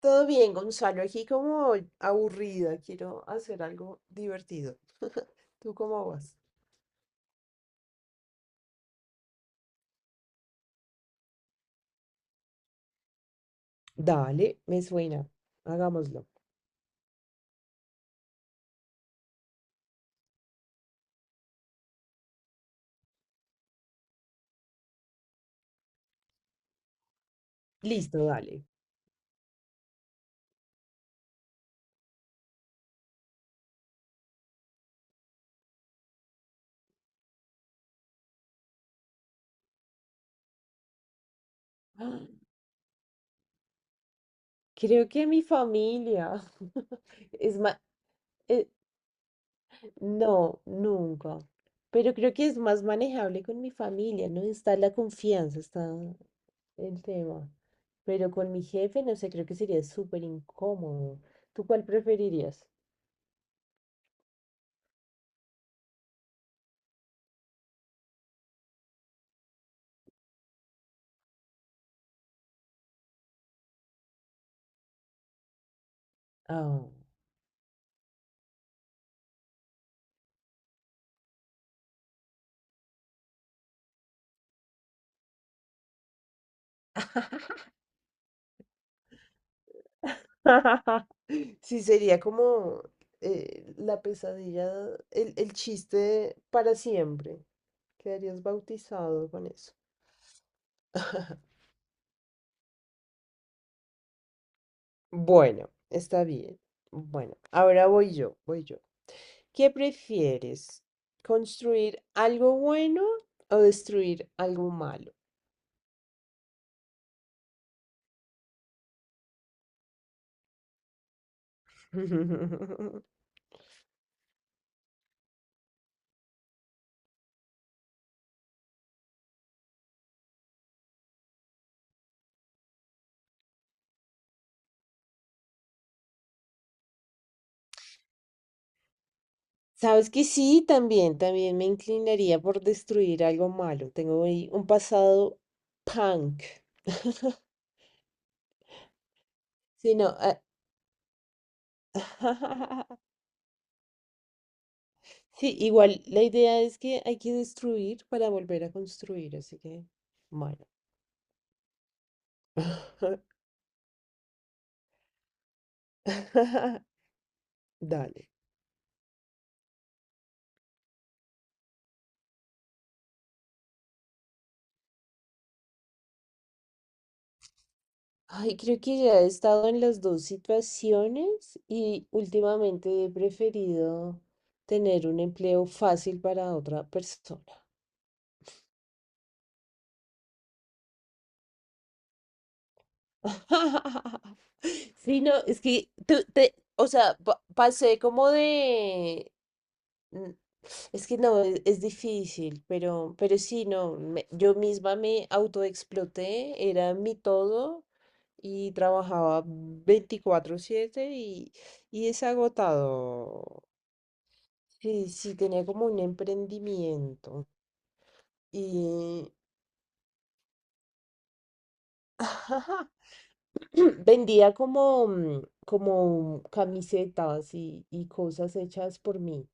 Todo bien, Gonzalo. Aquí como aburrida, quiero hacer algo divertido. ¿Tú cómo vas? Dale, me suena. Hagámoslo. Listo, dale. ¡Ah! Creo que mi familia es más. No, nunca. Pero creo que es más manejable con mi familia, ¿no? Está la confianza, está el tema. Pero con mi jefe, no sé, creo que sería súper incómodo. ¿Tú cuál preferirías? Ah. Sí, sería como la pesadilla, el chiste para siempre. Quedarías bautizado con eso. Bueno, está bien. Bueno, ahora voy yo, voy yo. ¿Qué prefieres? ¿Construir algo bueno o destruir algo malo? Sabes que sí, también me inclinaría por destruir algo malo. Tengo ahí un pasado punk. Sí, no, Sí, igual la idea es que hay que destruir para volver a construir, así que, bueno. Dale. Ay, creo que ya he estado en las dos situaciones y últimamente he preferido tener un empleo fácil para otra persona. Sí, no, es que tú te, o sea, pasé como de, mm, es que no, es difícil, pero sí, no, yo misma me autoexploté, era mi todo y trabajaba 24/7 y es agotado. Sí, sí, tenía como un emprendimiento y, vendía como, como camisetas y cosas hechas por mí.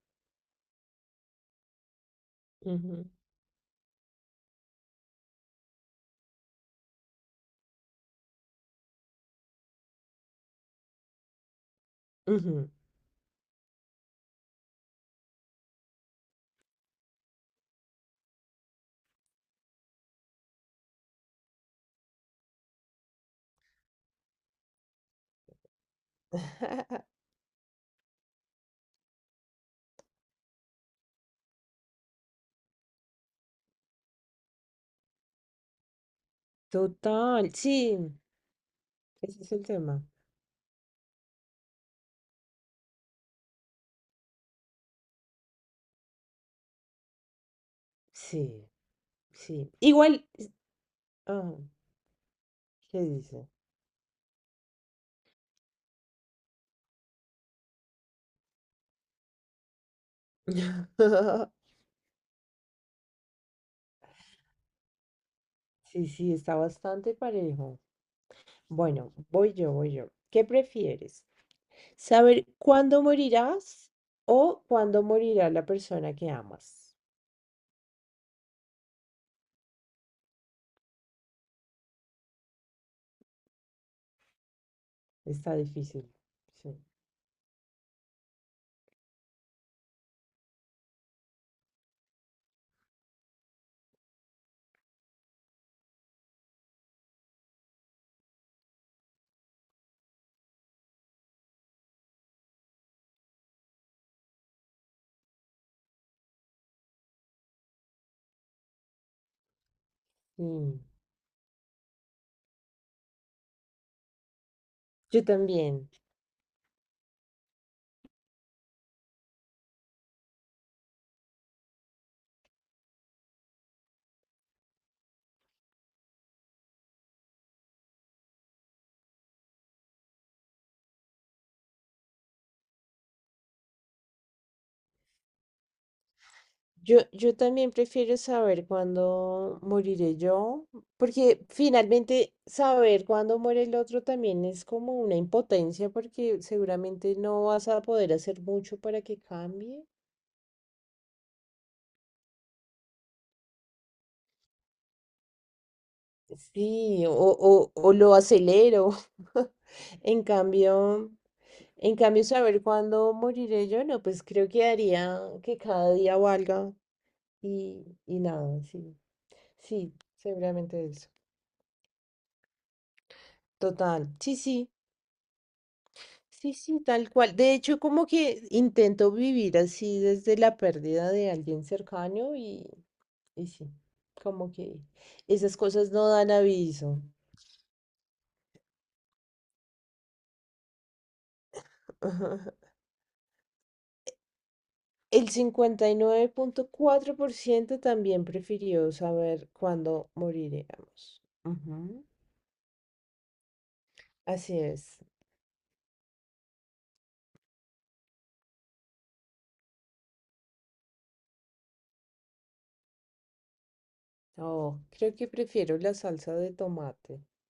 Ujú, ujú. Total, sí, ese es el tema. Sí, sí. Igual, ah, ¿qué dice? Sí, sí, está bastante parejo. Bueno, voy yo, voy yo. ¿Qué prefieres? ¿Saber cuándo morirás o cuándo morirá la persona que amas? Está difícil. Sí. Mm, Yo también. Yo también prefiero saber cuándo moriré yo, porque finalmente saber cuándo muere el otro también es como una impotencia, porque seguramente no vas a poder hacer mucho para que cambie. Sí, o lo acelero. En cambio, saber cuándo moriré yo, no, pues creo que haría que cada día valga y nada, sí, sí, seguramente eso. Total, sí, sí. Sí, sí, tal cual. De hecho, como que intento vivir así desde la pérdida de alguien cercano y sí, como que esas cosas no dan aviso. El 59,4% también prefirió saber cuándo moriremos. Ujú, así es. Oh, creo que prefiero la salsa de tomate.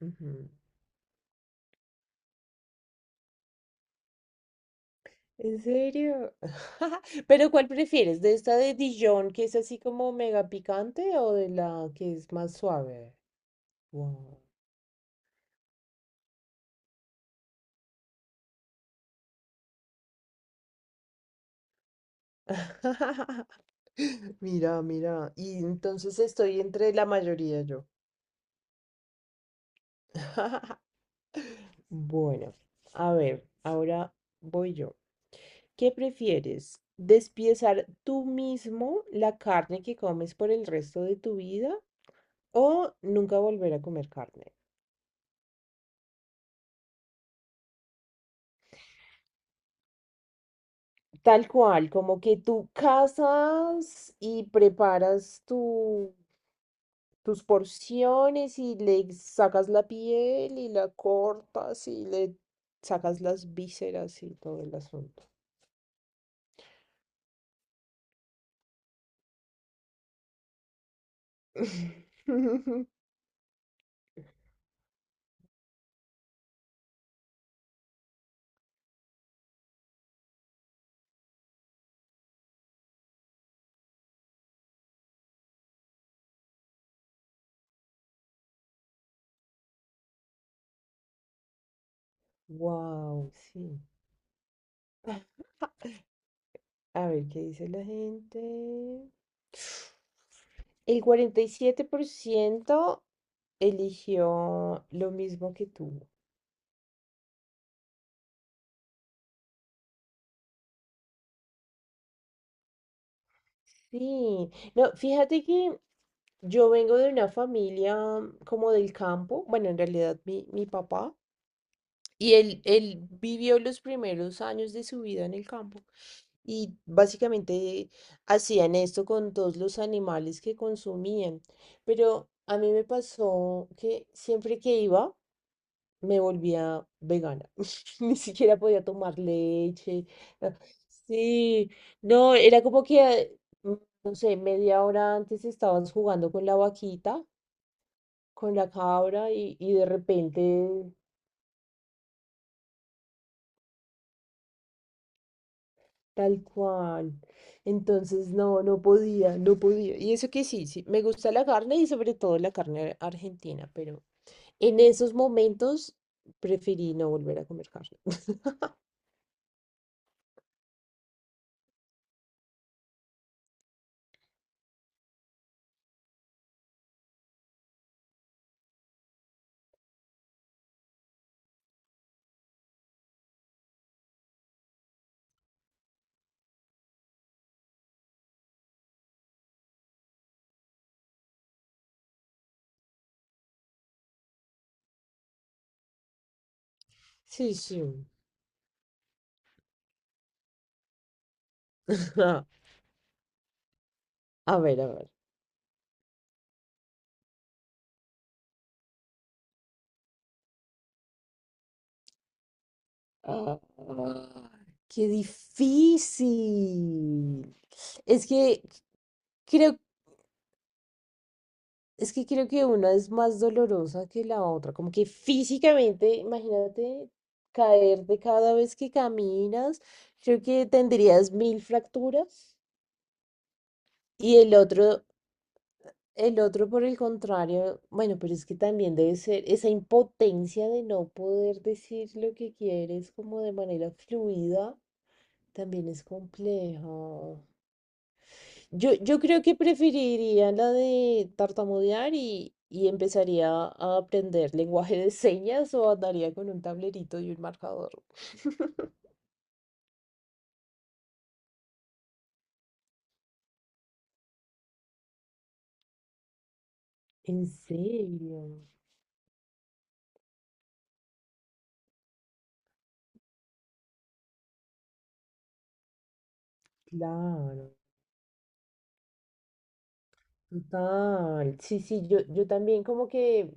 Mm, ujú. ¿En serio? Pero ¿cuál prefieres? ¿De esta de Dijon que es así como mega picante o de la que es más suave? Wow. Mira, mira. Y entonces estoy entre la mayoría yo. Bueno, a ver, ahora voy yo. ¿Qué prefieres? ¿Despiezar tú mismo la carne que comes por el resto de tu vida o nunca volver a comer carne? Tal cual, como que tú cazas y preparas tus porciones y le sacas la piel y la cortas y le sacas las vísceras y todo el asunto. Wow, sí. A ver, ¿qué dice la gente? El 47% eligió lo mismo que tú. Sí, no, fíjate que yo vengo de una familia, como del campo, bueno, en realidad mi papá, y él vivió los primeros años de su vida en el campo y básicamente hacían esto con todos los animales que consumían, pero a mí me pasó que siempre que iba, me volvía vegana. Ni siquiera podía tomar leche. Ah, sí, no, era como que, no sé, media hora antes estabas jugando con la vaquita, con la cabra y de repente, tal cual. Entonces, no, no podía, no podía. Y eso que sí, sí, me gusta la carne y sobre todo la carne argentina, pero en esos momentos preferí no volver a comer carne. Sí, sí. A ver, a ver. Ah, qué difícil. Es que creo, es que creo que una es más dolorosa que la otra. Como que físicamente, imagínate caerte cada vez que caminas. Creo que tendrías mil fracturas. Y el otro El otro, por el contrario, bueno, pero es que también debe ser esa impotencia de no poder decir lo que quieres como de manera fluida, también es complejo. Yo creo que preferiría la de tartamudear y empezaría a aprender lenguaje de señas o andaría con un tablerito y un marcador. En serio, claro. Total, sí, sí, yo también como que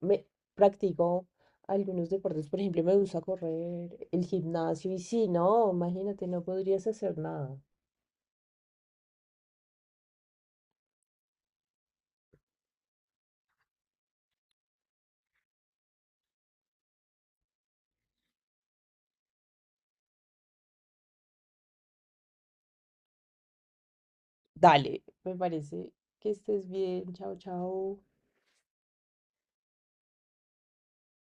me practico algunos deportes, por ejemplo, me gusta correr, el gimnasio, y sí, no, imagínate, no podrías hacer nada. Dale, me parece que estés bien, chao, chao.